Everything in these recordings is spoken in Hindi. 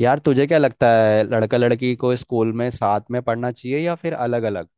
यार तुझे क्या लगता है लड़का लड़की को स्कूल में साथ में पढ़ना चाहिए या फिर अलग अलग।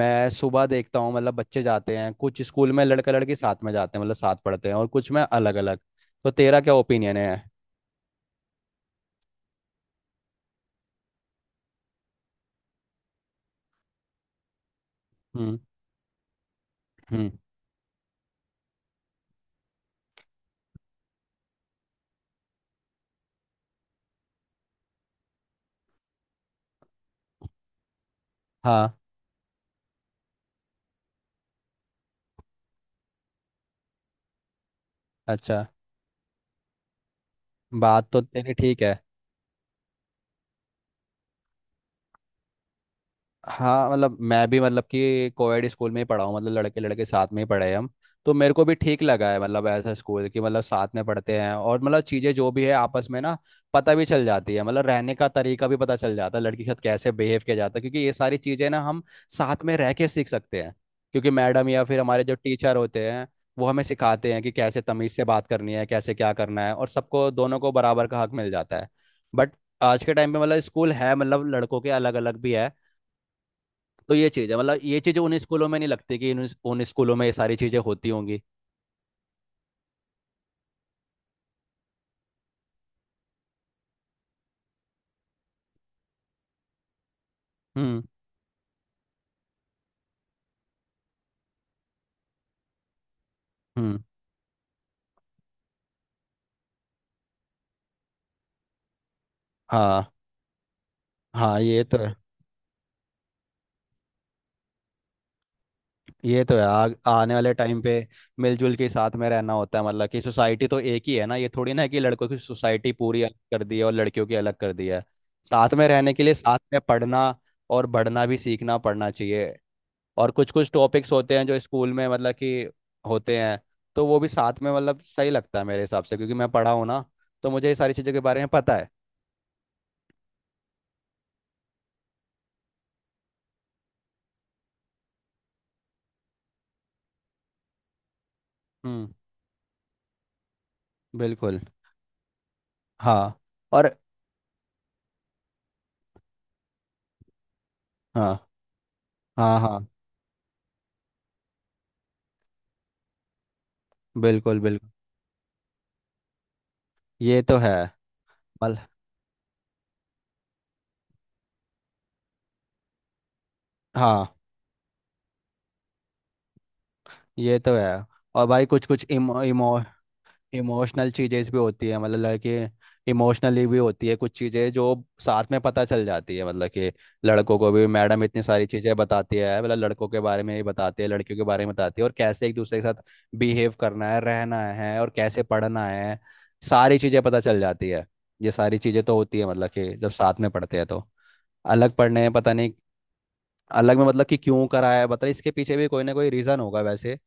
मैं सुबह देखता हूँ मतलब बच्चे जाते हैं, कुछ स्कूल में लड़का लड़की साथ में जाते हैं मतलब साथ पढ़ते हैं, और कुछ में अलग अलग। तो तेरा क्या ओपिनियन है? हम्म। हम्म। हाँ। अच्छा। बात तो तेरी ठीक है। हाँ मतलब मैं भी मतलब कि कोएड स्कूल में ही पढ़ा हूँ, मतलब लड़के लड़के साथ में ही पढ़े हैं हम। तो मेरे को भी ठीक लगा है मतलब ऐसा स्कूल कि मतलब साथ में पढ़ते हैं, और मतलब चीज़ें जो भी है आपस में ना पता भी चल जाती है, मतलब रहने का तरीका भी पता चल जाता है, लड़की के साथ कैसे बिहेव किया जाता है, क्योंकि ये सारी चीज़ें ना हम साथ में रह के सीख सकते हैं। क्योंकि मैडम या फिर हमारे जो टीचर होते हैं वो हमें सिखाते हैं कि कैसे तमीज़ से बात करनी है, कैसे क्या करना है, और सबको दोनों को बराबर का हक मिल जाता है। बट आज के टाइम पे मतलब स्कूल है मतलब लड़कों के अलग अलग भी है। तो ये चीज है मतलब ये चीज उन स्कूलों में नहीं लगती कि उन स्कूलों में ये सारी चीजें होती होंगी। हम्म। हम्म। हाँ। हाँ। ये तो है। ये तो है। आने वाले टाइम पे मिलजुल के साथ में रहना होता है, मतलब कि सोसाइटी तो एक ही है ना, ये थोड़ी ना है कि लड़कों की सोसाइटी पूरी अलग कर दी है और लड़कियों की अलग कर दी है। साथ में रहने के लिए साथ में पढ़ना और बढ़ना भी सीखना पड़ना चाहिए। और कुछ कुछ टॉपिक्स होते हैं जो स्कूल में मतलब कि होते हैं। तो वो भी साथ में मतलब सही लगता है मेरे हिसाब से, क्योंकि मैं पढ़ा हूँ ना, तो मुझे ये सारी चीज़ों के बारे में पता है। हम्म। बिल्कुल। हाँ। और हाँ हाँ हाँ। बिल्कुल बिल्कुल। ये तो है। मल हाँ। ये तो है। और भाई कुछ कुछ इमोशनल चीजें भी होती है मतलब लड़के इमोशनली भी होती है कुछ चीजें जो साथ में पता चल जाती है, मतलब कि लड़कों को भी मैडम इतनी सारी चीजें बताती है मतलब लड़कों के बारे में ही बताती है, लड़कियों के बारे में बताती है, और कैसे एक दूसरे के साथ बिहेव करना है रहना है और कैसे पढ़ना है, सारी चीजें पता चल जाती है। ये सारी चीजें तो होती है मतलब कि जब साथ में पढ़ते हैं, तो अलग पढ़ने में पता नहीं। अलग में मतलब कि क्यों कराया है, बता, इसके पीछे भी कोई ना कोई रीजन होगा वैसे।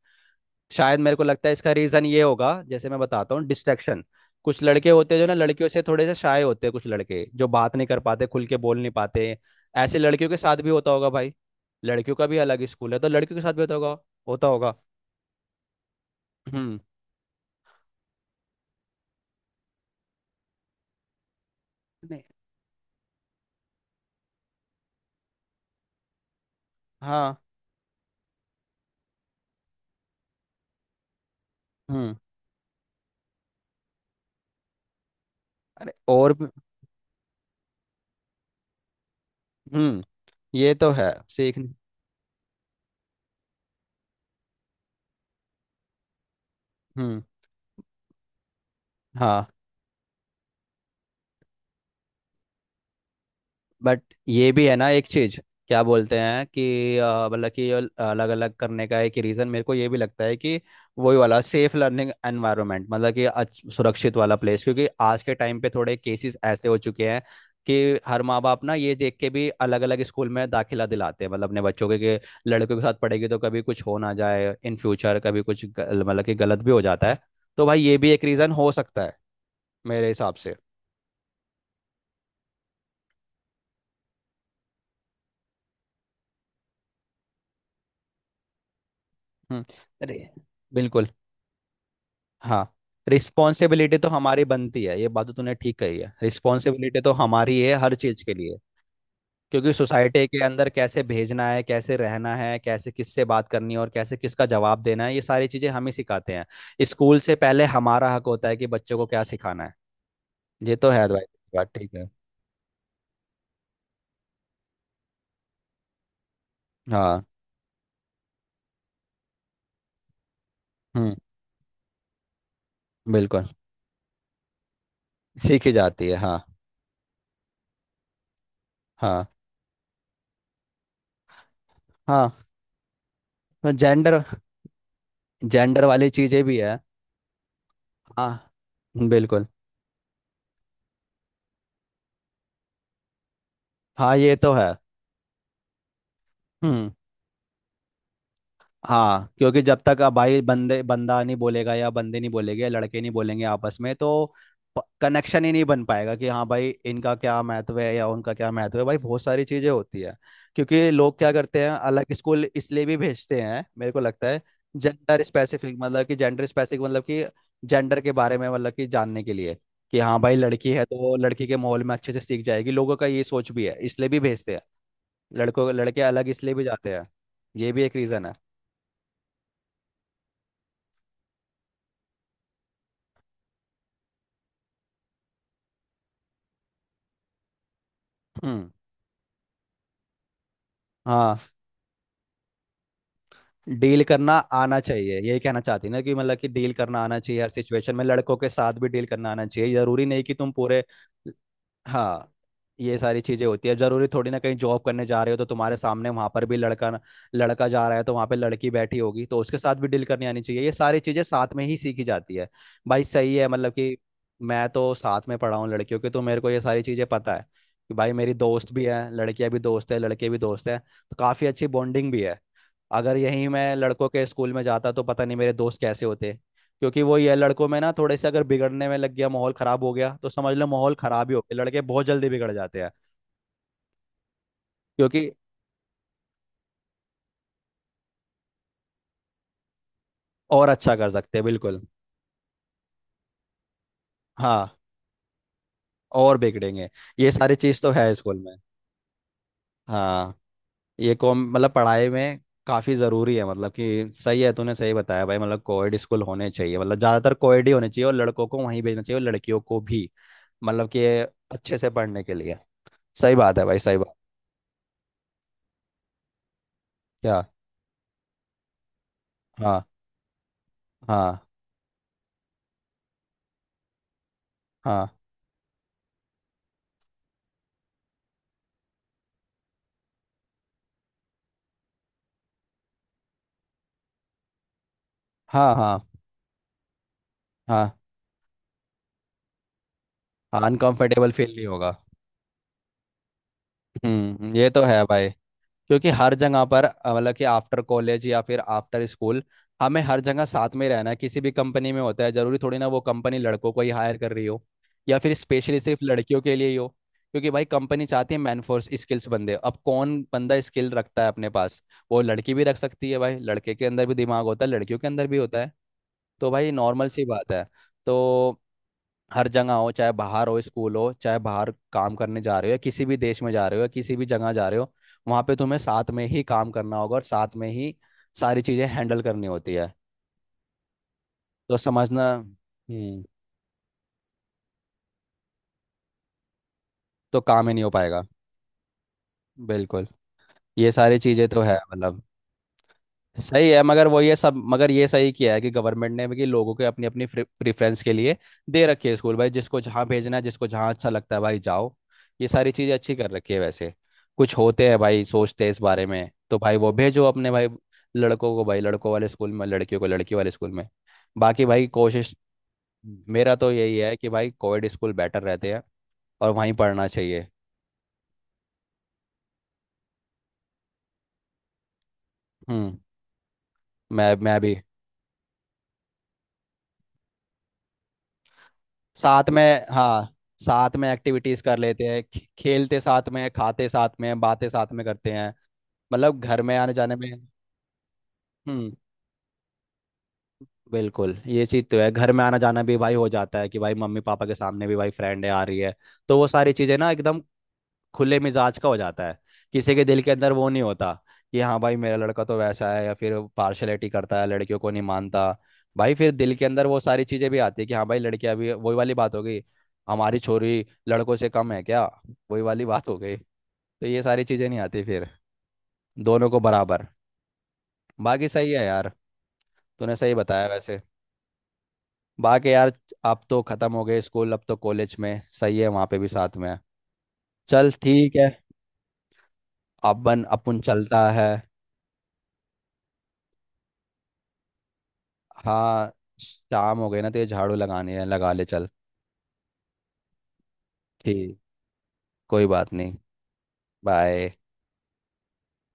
शायद मेरे को लगता है इसका रीजन ये होगा, जैसे मैं बताता हूँ, डिस्ट्रैक्शन। कुछ लड़के होते हैं जो ना लड़कियों से थोड़े से शाय होते हैं, कुछ लड़के जो बात नहीं कर पाते खुल के बोल नहीं पाते। ऐसे लड़कियों के साथ भी होता होगा भाई, लड़कियों का भी अलग स्कूल है तो लड़कियों के साथ भी होता होगा, होता होगा। हम्म। नहीं, हाँ। हम्म। अरे और भी- हम्म। ये तो है। सीख। हम्म। हाँ। बट ये भी है ना एक चीज। क्या बोलते हैं कि मतलब कि अलग अलग करने का एक रीजन मेरे को ये भी लगता है कि वही वाला सेफ लर्निंग एनवायरनमेंट, मतलब कि सुरक्षित वाला प्लेस, क्योंकि आज के टाइम पे थोड़े केसेस ऐसे हो चुके हैं कि हर माँ बाप ना ये देख के भी अलग अलग स्कूल में दाखिला दिलाते हैं, मतलब अपने बच्चों के लड़कों के साथ पढ़ेगी तो कभी कुछ हो ना जाए इन फ्यूचर, कभी कुछ मतलब कि गलत भी हो जाता है। तो भाई ये भी एक रीजन हो सकता है मेरे हिसाब से। हम्म। अरे। बिल्कुल। हाँ। रिस्पॉन्सिबिलिटी तो हमारी बनती है, ये बात तो तूने ठीक कही है, रिस्पॉन्सिबिलिटी तो हमारी है हर चीज के लिए। क्योंकि सोसाइटी के अंदर कैसे भेजना है कैसे रहना है कैसे किससे बात करनी है और कैसे किसका जवाब देना है, ये सारी चीजें हम ही सिखाते हैं, स्कूल से पहले हमारा हक होता है कि बच्चों को क्या सिखाना है। ये तो है भाई। बात ठीक है। हाँ। हम्म। बिल्कुल। सीखी जाती है। हाँ। हाँ। हाँ। जेंडर, जेंडर वाली चीजें भी है। हाँ। बिल्कुल। हाँ। ये तो है। हम्म। हाँ। क्योंकि जब तक अब भाई बंदे बंदा नहीं बोलेगा या बंदे नहीं बोलेंगे लड़के नहीं बोलेंगे आपस में, तो कनेक्शन ही नहीं बन पाएगा कि हाँ भाई इनका क्या महत्व है या उनका क्या महत्व है, भाई बहुत सारी चीजें होती है। क्योंकि लोग क्या करते हैं, अलग स्कूल इसलिए भी भेजते हैं मेरे को लगता है, जेंडर स्पेसिफिक, मतलब कि जेंडर स्पेसिफिक मतलब कि जेंडर के बारे में मतलब कि जानने के लिए, कि हाँ भाई लड़की है तो वो लड़की के माहौल में अच्छे से सीख जाएगी, लोगों का ये सोच भी है इसलिए भी भेजते हैं। लड़कों लड़के अलग इसलिए भी जाते हैं, ये भी एक रीजन है। हम्म। हाँ। डील करना आना चाहिए, यही कहना चाहती ना, कि मतलब कि डील करना आना चाहिए हर सिचुएशन में, लड़कों के साथ भी डील करना आना चाहिए, जरूरी नहीं कि तुम पूरे। हाँ। ये सारी चीजें होती है, जरूरी थोड़ी ना कहीं जॉब करने जा रहे हो तो तुम्हारे सामने वहां पर भी लड़का, लड़का जा रहा है तो वहां पे लड़की बैठी होगी तो उसके साथ भी डील करनी आनी चाहिए, ये सारी चीजें साथ में ही सीखी जाती है भाई। सही है मतलब कि मैं तो साथ में पढ़ा हूँ लड़कियों के, तो मेरे को ये सारी चीजें पता है कि भाई मेरी दोस्त भी है, लड़कियां भी दोस्त है, लड़के भी दोस्त हैं, तो काफी अच्छी बॉन्डिंग भी है। अगर यहीं मैं लड़कों के स्कूल में जाता तो पता नहीं मेरे दोस्त कैसे होते, क्योंकि वो ये लड़कों में ना थोड़े से अगर बिगड़ने में लग गया माहौल खराब हो गया तो समझ लो माहौल खराब ही हो गया, लड़के बहुत जल्दी बिगड़ जाते हैं। क्योंकि और अच्छा कर सकते हैं बिल्कुल। हाँ। और बिगड़ेंगे। ये सारी चीज तो है स्कूल में। हाँ। ये कॉम मतलब पढ़ाई में काफी जरूरी है, मतलब कि सही है, तूने सही बताया भाई, मतलब कोएड स्कूल होने चाहिए, मतलब ज्यादातर कोएड ही होने चाहिए और लड़कों को वहीं भेजना चाहिए और लड़कियों को भी, मतलब कि अच्छे से पढ़ने के लिए। सही बात है भाई सही बात। क्या? हाँ हाँ हाँ हाँ हाँ हाँ। अनकंफर्टेबल फील नहीं होगा। हम्म। ये तो है भाई, क्योंकि हर जगह पर मतलब कि आफ्टर कॉलेज या फिर आफ्टर स्कूल हमें हर जगह साथ में रहना है, किसी भी कंपनी में होता है, जरूरी थोड़ी ना वो कंपनी लड़कों को ही हायर कर रही हो या फिर स्पेशली सिर्फ लड़कियों के लिए ही हो। क्योंकि भाई कंपनी चाहती है मैनफोर्स स्किल्स, बंदे, अब कौन बंदा स्किल रखता है अपने पास, वो लड़की भी रख सकती है भाई, लड़के के अंदर भी दिमाग होता है, लड़कियों के अंदर भी होता है, तो भाई नॉर्मल सी बात है। तो हर जगह हो, चाहे बाहर हो स्कूल हो, चाहे बाहर काम करने जा रहे हो या किसी भी देश में जा रहे हो या किसी भी जगह जा रहे हो, वहां पे तुम्हें साथ में ही काम करना होगा और साथ में ही सारी चीजें हैंडल करनी होती है, तो समझना। हम्म। तो काम ही नहीं हो पाएगा। बिल्कुल। ये सारी चीजें तो है मतलब, सही है, मगर वो ये सब मगर ये सही किया है कि गवर्नमेंट ने भी कि लोगों के अपनी अपनी प्रेफरेंस के लिए दे रखे है स्कूल, भाई जिसको जहाँ भेजना है, जिसको जहाँ अच्छा लगता है भाई जाओ। ये सारी चीज़ें अच्छी कर रखी है वैसे। कुछ होते हैं भाई सोचते हैं इस बारे में, तो भाई वो भेजो अपने, भाई लड़कों को भाई लड़कों वाले स्कूल में, लड़कियों को लड़की वाले स्कूल में। बाकी भाई कोशिश मेरा तो यही है कि भाई कोविड स्कूल बेटर रहते हैं और वहीं पढ़ना चाहिए। हम्म। मैं भी साथ में, हाँ। साथ में एक्टिविटीज कर लेते हैं, खेलते साथ में, खाते साथ में, बातें साथ में करते हैं, मतलब घर में आने जाने में। हम्म। बिल्कुल। ये चीज़ तो है, घर में आना जाना भी भाई हो जाता है कि भाई मम्मी पापा के सामने भी भाई फ्रेंड आ रही है, तो वो सारी चीज़ें ना एकदम खुले मिजाज का हो जाता है, किसी के दिल के अंदर वो नहीं होता कि हाँ भाई मेरा लड़का तो वैसा है या फिर पार्शलिटी करता है लड़कियों को नहीं मानता। भाई फिर दिल के अंदर वो सारी चीजें भी आती है कि हाँ भाई लड़कियां भी, वही वाली बात हो गई, हमारी छोरी लड़कों से कम है क्या, वही वाली बात हो गई, तो ये सारी चीजें नहीं आती फिर, दोनों को बराबर। बाकी सही है यार। तूने सही बताया वैसे। बाकी यार अब तो खत्म हो गए स्कूल, अब तो कॉलेज में सही है वहां पे भी साथ में है। चल ठीक है। अपन अपन चलता है। हाँ। शाम हो गई ना, तो ये झाड़ू लगानी है, लगा ले चल। ठीक। कोई बात नहीं। बाय।